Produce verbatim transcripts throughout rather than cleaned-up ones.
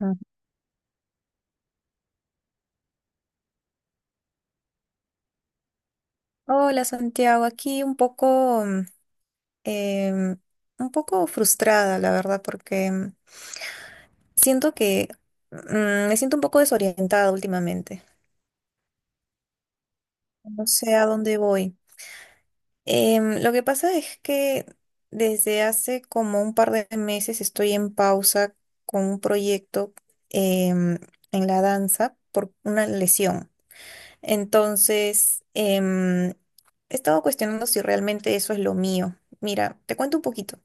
Ah. Hola Santiago, aquí un poco, mm, em, un poco frustrada, la verdad, porque mm, siento que mm, me siento un poco desorientada últimamente. No sé a dónde voy. Em, lo que pasa es que desde hace como un par de meses estoy en pausa con un proyecto em, en la danza por una lesión. Entonces, em, he estado cuestionando si realmente eso es lo mío. Mira, te cuento un poquito.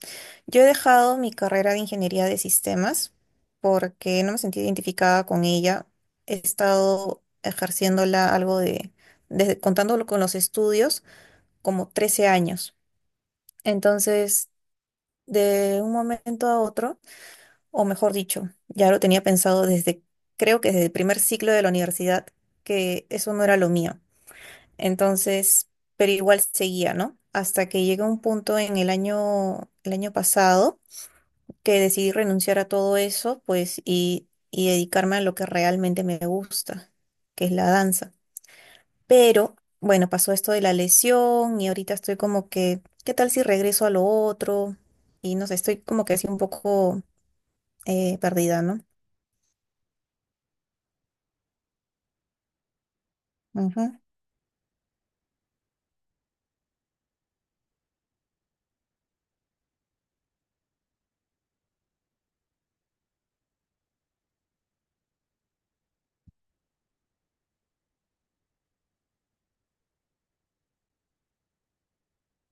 Yo he dejado mi carrera de ingeniería de sistemas porque no me sentí identificada con ella. He estado ejerciéndola algo de, desde, contándolo con los estudios, como trece años. Entonces, de un momento a otro, o mejor dicho, ya lo tenía pensado desde, creo que desde el primer ciclo de la universidad, que eso no era lo mío. Entonces, pero igual seguía, ¿no? Hasta que llega un punto en el año, el año pasado que decidí renunciar a todo eso, pues, y, y dedicarme a lo que realmente me gusta, que es la danza. Pero, bueno, pasó esto de la lesión y ahorita estoy como que, ¿qué tal si regreso a lo otro? Y no sé, estoy como que así un poco eh, perdida, ¿no? Ujú,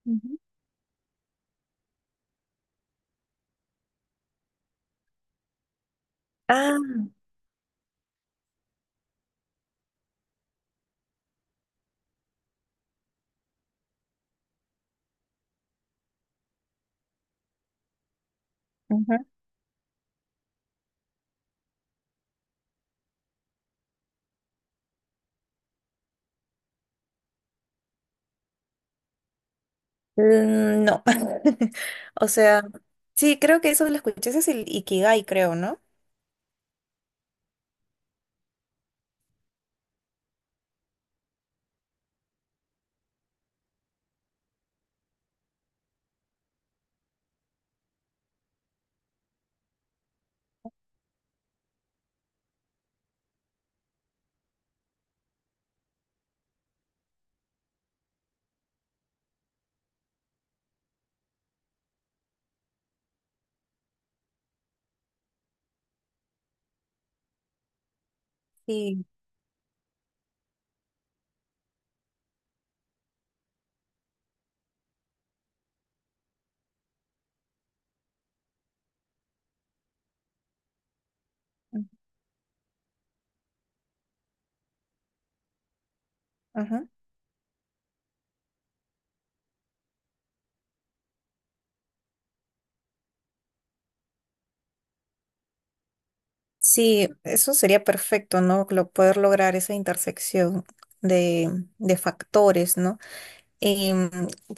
ujú. Ah, ujú. Mm, no. O sea, sí, creo que eso lo escuché. Ese es el Ikigai, creo, ¿no? Sí. Ujú. Ajá. Sí, eso sería perfecto, ¿no? Lo- poder lograr esa intersección de, de factores, ¿no? Y mm,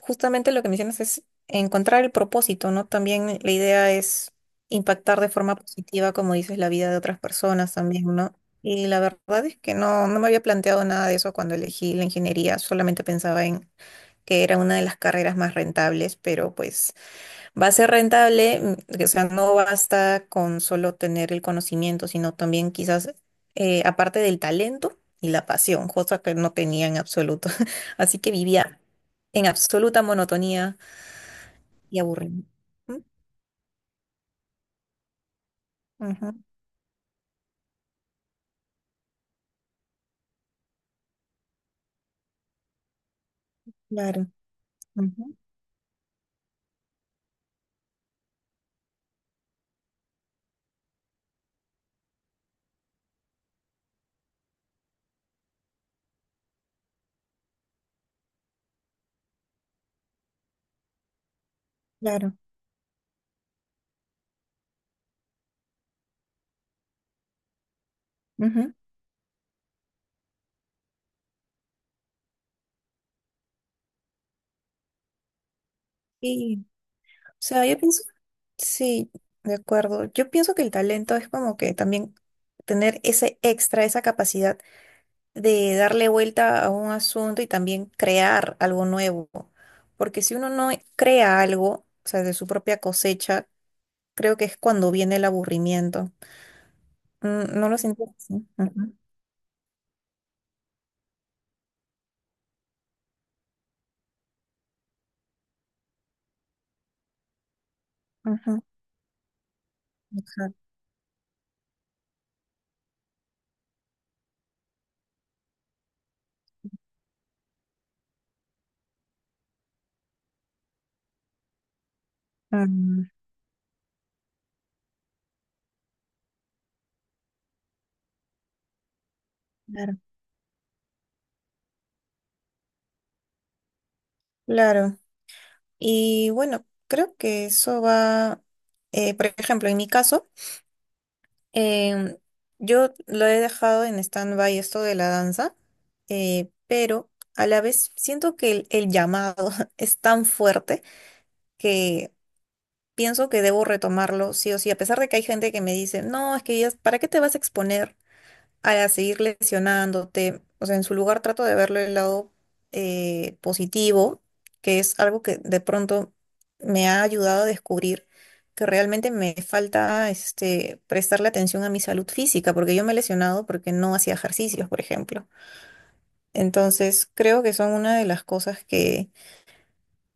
justamente lo que mencionas es encontrar el propósito, ¿no? También la idea es impactar de forma positiva, como dices, la vida de otras personas también, ¿no? Y la verdad es que no, no me había planteado nada de eso cuando elegí la ingeniería, solamente pensaba en que era una de las carreras más rentables, pero pues va a ser rentable, mm, o sea, no basta con solo tener el conocimiento, sino también quizás, eh, aparte del talento y la pasión, cosa que no tenía en absoluto. Así que vivía en absoluta monotonía y aburrimiento. Ujú, ujú, claro, ujú, claro, ujú. Y, o sea, yo pienso, sí, de acuerdo. Yo pienso que el talento es como que también tener ese extra, esa capacidad de darle vuelta a un asunto y también crear algo nuevo. Porque si uno no crea algo, o sea, de su propia cosecha, creo que es cuando viene el aburrimiento. Mm, ¿no lo siento así? Ujú, ujú, exacto. Mm, claro. Claro. Y bueno, creo que eso va, eh, por ejemplo, en mi caso, Em, yo lo he dejado en stand-by esto de la danza, eh, pero a la vez siento que el, el llamado es tan fuerte que pienso que debo retomarlo sí o sí, a pesar de que hay gente que me dice, no, es que ya- ¿para qué te vas a exponer a seguir lesionándote? O sea, en su lugar trato de verlo el lado eh, positivo, que es algo que de pronto me ha ayudado a descubrir que realmente me falta este, prestarle atención a mi salud física, porque yo me he lesionado porque no hacía ejercicios, por ejemplo. Entonces, creo que son una de las cosas que,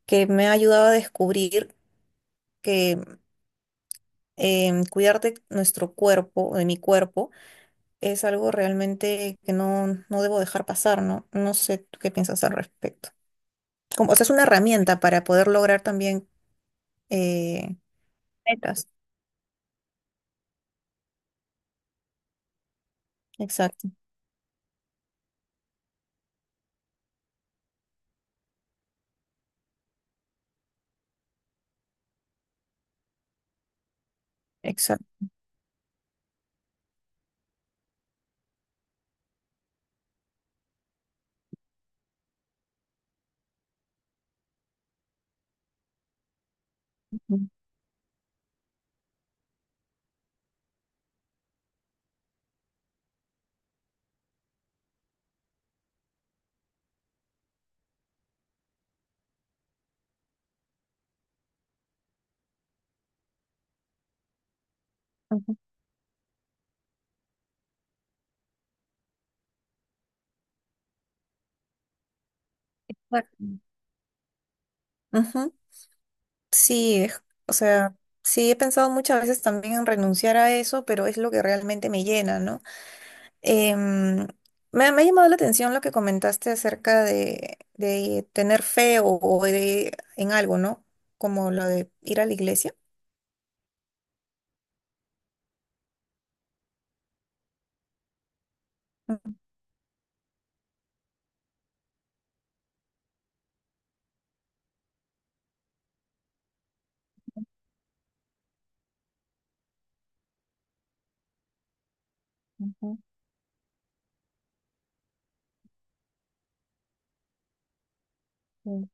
que me ha ayudado a descubrir que em, cuidar de nuestro cuerpo, de mi cuerpo, es algo realmente que no, no debo dejar pasar, ¿no? No sé tú qué piensas al respecto. Como, o sea, es una herramienta para poder lograr también eh, metas. Exacto, exacto. Ujú, ujú. Exacto. Ujú. Sí, es- o sea, sí he pensado muchas veces también en renunciar a eso, pero es lo que realmente me llena, ¿no? Em, me, me ha llamado la atención lo que comentaste acerca de, de tener fe o, o de, en algo, ¿no? Como lo de ir a la iglesia. Ujú, sí.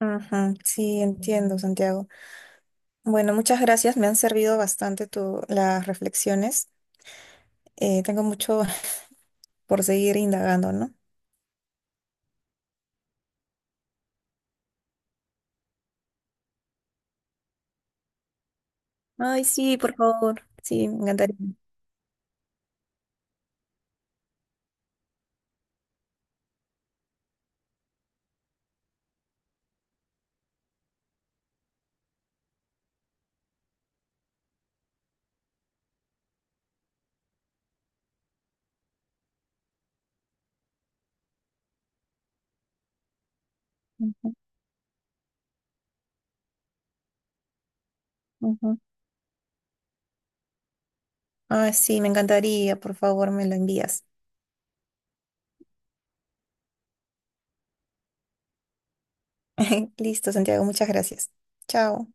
Ajá, sí, entiendo, Santiago. Bueno, muchas gracias. Me han servido bastante tu, las reflexiones. Eh, tengo mucho por seguir indagando, ¿no? Ay, sí, por favor. Sí, me encantaría. Ujú, ujú. Ay sí, me encantaría. Por favor, me lo envías. Listo, Santiago, muchas gracias. Chao.